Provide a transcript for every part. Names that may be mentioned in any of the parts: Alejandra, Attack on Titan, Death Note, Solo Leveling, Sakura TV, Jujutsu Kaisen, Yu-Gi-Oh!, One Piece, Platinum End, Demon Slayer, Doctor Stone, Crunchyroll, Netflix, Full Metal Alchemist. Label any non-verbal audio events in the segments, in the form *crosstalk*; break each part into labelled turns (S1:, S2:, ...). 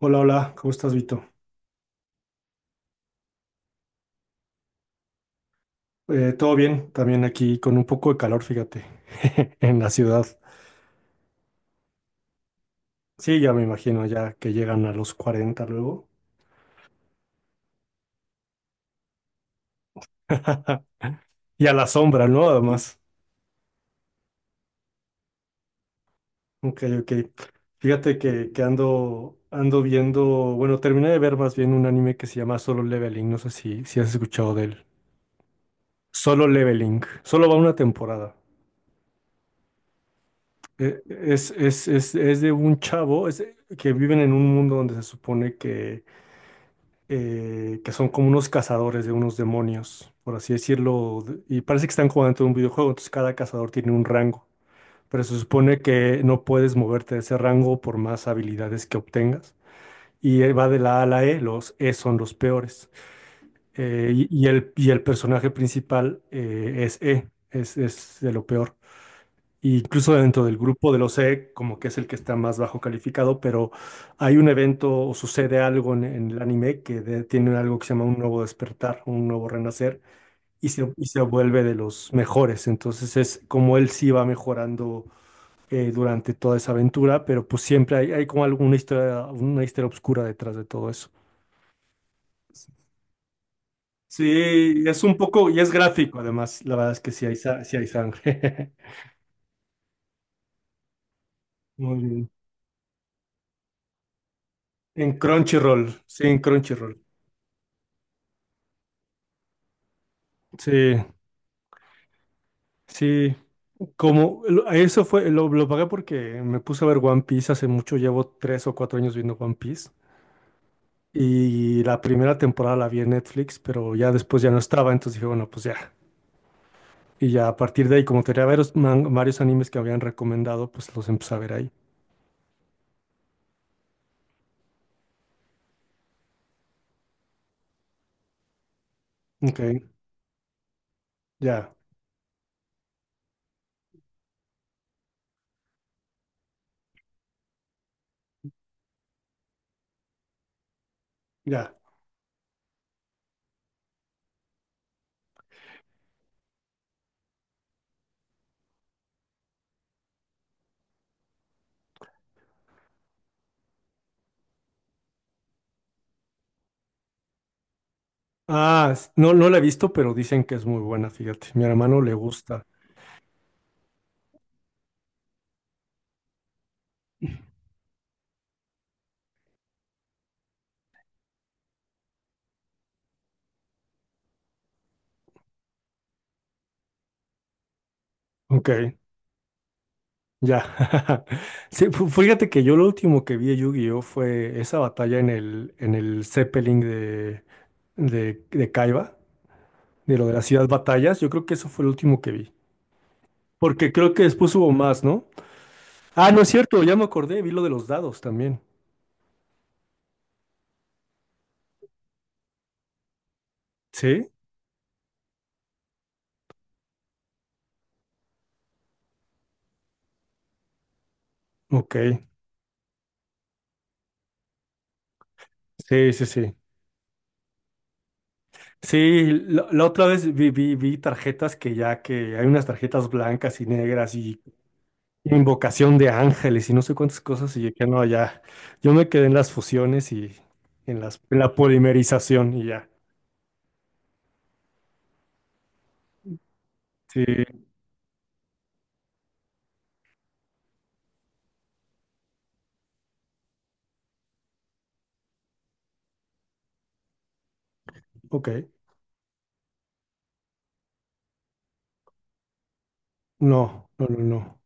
S1: Hola, hola, ¿cómo estás, Vito? Todo bien, también aquí con un poco de calor, fíjate, *laughs* en la ciudad. Sí, ya me imagino, ya que llegan a los 40 luego. *laughs* Y a la sombra, ¿no? Además. Ok, ok. Fíjate que ando viendo, bueno, terminé de ver más bien un anime que se llama Solo Leveling, no sé si has escuchado de él. Solo Leveling, solo va una temporada. Es de un chavo es, que viven en un mundo donde se supone que son como unos cazadores de unos demonios, por así decirlo, y parece que están jugando en un videojuego, entonces cada cazador tiene un rango, pero se supone que no puedes moverte de ese rango por más habilidades que obtengas. Y va de la A a la E, los E son los peores. El personaje principal es E, es de lo peor. Incluso dentro del grupo del OCE, como que es el que está más bajo calificado, pero hay un evento o sucede algo en el anime que tiene algo que se llama un nuevo despertar, un nuevo renacer, y se vuelve de los mejores. Entonces es como él sí va mejorando durante toda esa aventura, pero pues siempre hay como alguna historia, una historia oscura detrás de todo eso. Sí, es un poco, y es gráfico además, la verdad es que sí hay, sí hay sangre. *laughs* Muy bien. En Crunchyroll, sí, en Crunchyroll. Sí. Sí, como eso fue, lo pagué porque me puse a ver One Piece hace mucho, llevo 3 o 4 años viendo One Piece y la primera temporada la vi en Netflix, pero ya después ya no estaba, entonces dije, bueno, pues ya. Y ya a partir de ahí, como tenía varios animes que habían recomendado, pues los empecé a ver ahí. Ok, ya, ya. Ah, no, no la he visto, pero dicen que es muy buena, fíjate, mi hermano le gusta. Ok, ya. *laughs* Sí, fíjate que yo lo último que vi de Yu-Gi-Oh! Fue esa batalla en el Zeppelin de Kaiba, de lo de las Ciudad Batallas. Yo creo que eso fue lo último que vi. Porque creo que después hubo más, ¿no? Ah, no es cierto, ya me acordé, vi lo de los dados también. ¿Sí? Ok. Sí, sí, sí. Sí, la otra vez vi tarjetas que ya que hay unas tarjetas blancas y negras y invocación de ángeles y no sé cuántas cosas y yo que no, ya, yo me quedé en las fusiones y en las, en la polimerización y ya. Sí, ok, no, no, no, no,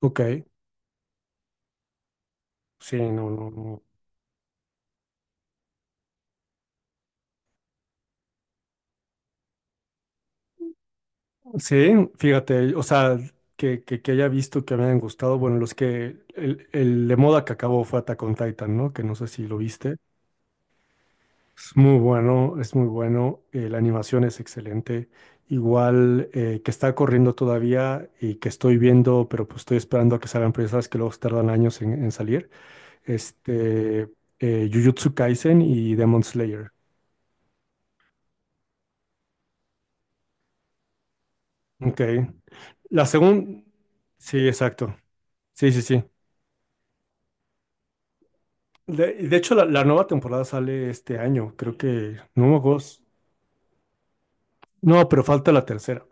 S1: ok, sí, no, no, no. Sí, fíjate, o sea, que haya visto que me hayan gustado, bueno, los que, el de moda que acabó fue Attack on Titan, ¿no? Que no sé si lo viste. Es muy bueno, la animación es excelente. Igual que está corriendo todavía y que estoy viendo, pero pues estoy esperando a que salgan presas que luego tardan años en salir. Este, Jujutsu Kaisen y Demon Slayer. Ok. La segunda. Sí, exacto. Sí, sí, sí. De hecho, la nueva temporada sale este año, creo que. No me acuerdo. No, pero falta la tercera.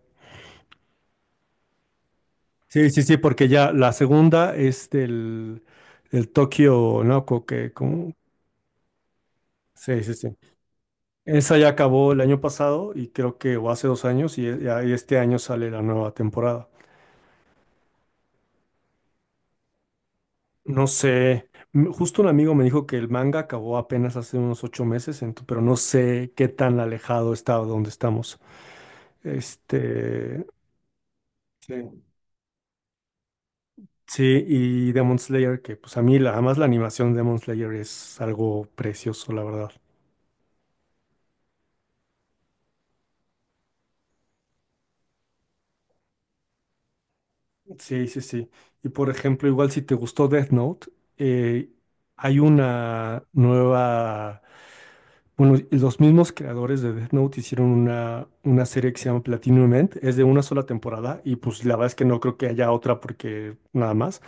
S1: Sí, sí, sí, porque ya la segunda es del Tokio, ¿no? Sí, sí, sí. Esa ya acabó el año pasado y creo que, o hace 2 años, y este año sale la nueva temporada. No sé, justo un amigo me dijo que el manga acabó apenas hace unos 8 meses, pero no sé qué tan alejado está de donde estamos. Este, sí. Sí, y Demon Slayer, que pues a mí la, además la animación de Demon Slayer es algo precioso, la verdad. Sí, sí, sí. Y por ejemplo, igual si te gustó Death Note, eh, hay una nueva. Bueno, los mismos creadores de Death Note hicieron una serie que se llama Platinum End. Es de una sola temporada y pues la verdad es que no creo que haya otra porque nada más.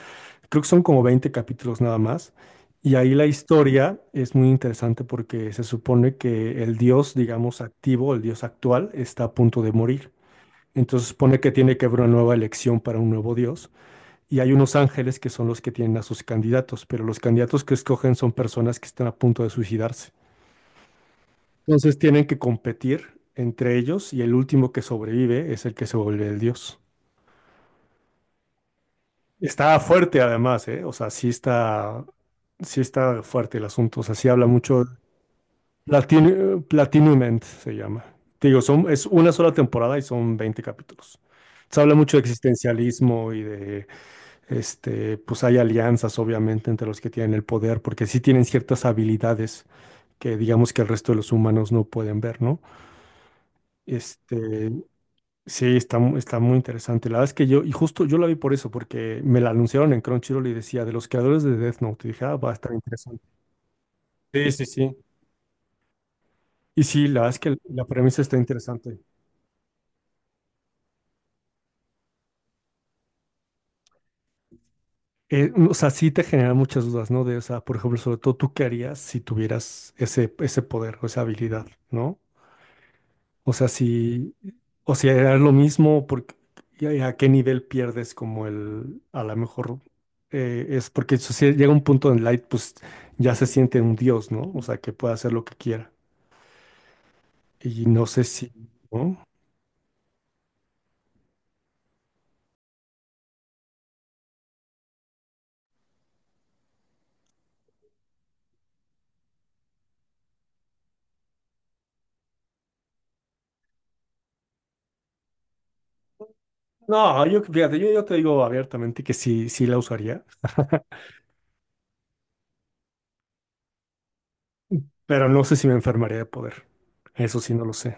S1: Creo que son como 20 capítulos nada más. Y ahí la historia es muy interesante porque se supone que el dios, digamos, activo, el dios actual, está a punto de morir. Entonces supone que tiene que haber una nueva elección para un nuevo dios y hay unos ángeles que son los que tienen a sus candidatos, pero los candidatos que escogen son personas que están a punto de suicidarse. Entonces tienen que competir entre ellos y el último que sobrevive es el que se vuelve el dios. Está fuerte además, ¿eh? O sea, sí está fuerte el asunto, o sea, sí habla mucho. Platinum End se llama. Te digo, son, es una sola temporada y son 20 capítulos. Se habla mucho de existencialismo y de. Este, pues hay alianzas, obviamente, entre los que tienen el poder, porque sí tienen ciertas habilidades que digamos que el resto de los humanos no pueden ver, ¿no? Este, sí, está muy interesante. La verdad es que yo, y justo yo la vi por eso, porque me la anunciaron en Crunchyroll y decía, de los creadores de Death Note, y dije, ah, va a estar interesante. Sí, sí, sí. Y sí, la verdad es que la premisa está interesante. O sea, sí te genera muchas dudas, ¿no? De, o sea, por ejemplo, sobre todo, ¿tú qué harías si tuvieras ese poder o esa habilidad, no? O sea, si, o sea, era lo mismo, porque, y a qué nivel pierdes a lo mejor es porque eso sí, llega un punto en Light, pues ya se siente un dios, ¿no? O sea, que puede hacer lo que quiera. Y no sé si, ¿no? No, yo, fíjate, yo te digo abiertamente que sí, sí la usaría, pero no sé si me enfermaría de poder. Eso sí, no lo sé.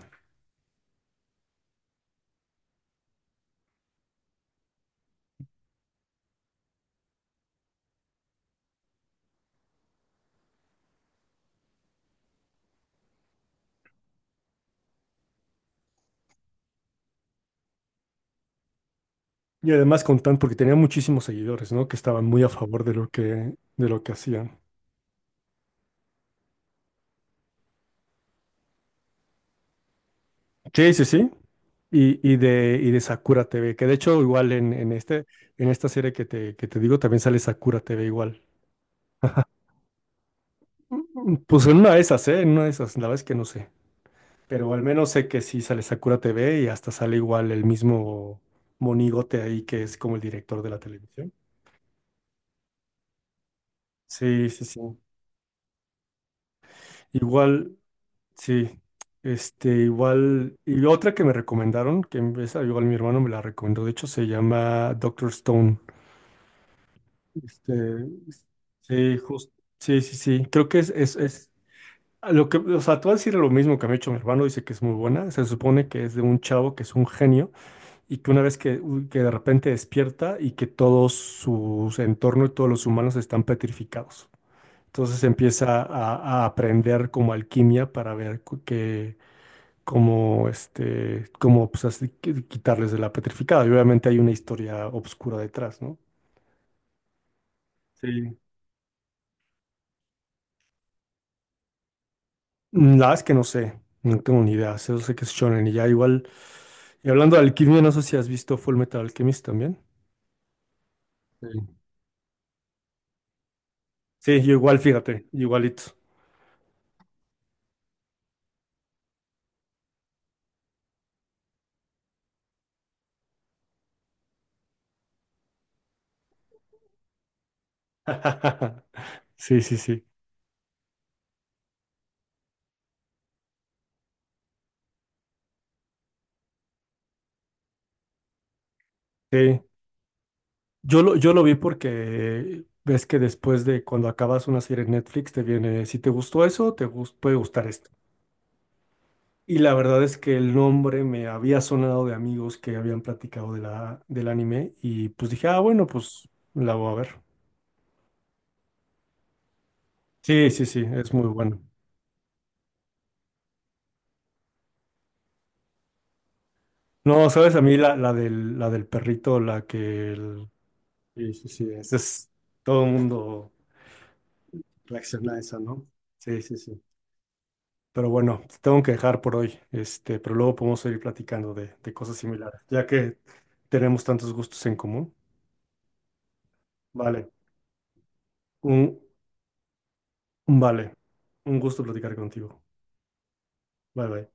S1: Y además con tan, porque tenía muchísimos seguidores, ¿no? Que estaban muy a favor de lo que, hacían. Sí, sí, sí. Y de Sakura TV, que de hecho igual este, en esta serie que te digo también sale Sakura TV igual. Pues en una de esas, ¿eh? En una de esas, la verdad es que no sé. Pero al menos sé que sí sale Sakura TV y hasta sale igual el mismo monigote ahí que es como el director de la televisión. Sí, sí, sí. Igual, sí. Este, igual. Y otra que me recomendaron, que esa igual mi hermano me la recomendó, de hecho se llama Doctor Stone. Este, sí, justo, sí, sí, sí. Creo que es a lo que, o sea, tú vas a decir lo mismo que me ha hecho mi hermano, dice que es muy buena. Se supone que es de un chavo que es un genio y que una vez que de repente despierta y que todos sus entorno y todos los humanos están petrificados. Entonces empieza a aprender como alquimia para ver que cómo este, cómo pues así quitarles de la petrificada. Y obviamente hay una historia oscura detrás, ¿no? Sí. La verdad es que no sé, no tengo ni idea, solo sé que es shonen y ya igual. Y hablando de alquimia, no sé si has visto Full Metal Alchemist también. Sí, sí, yo igual, fíjate, igualito. *laughs* Sí, sí, sí. Sí. Yo lo vi porque ves que después de cuando acabas una serie en Netflix te viene, si te gustó eso, puede gustar esto. Y la verdad es que el nombre me había sonado de amigos que habían platicado de la, del anime y pues dije, ah, bueno, pues la voy a ver. Sí, sí, sí, es muy bueno. No, sabes, a mí la del perrito. Sí, sí, sí, ese es todo el mundo. Reacciona a esa, ¿no? Sí, sí, sí. Pero bueno, te tengo que dejar por hoy, este, pero luego podemos seguir platicando de cosas similares, ya que tenemos tantos gustos en común. Vale. Un, vale, un gusto platicar contigo. Bye bye.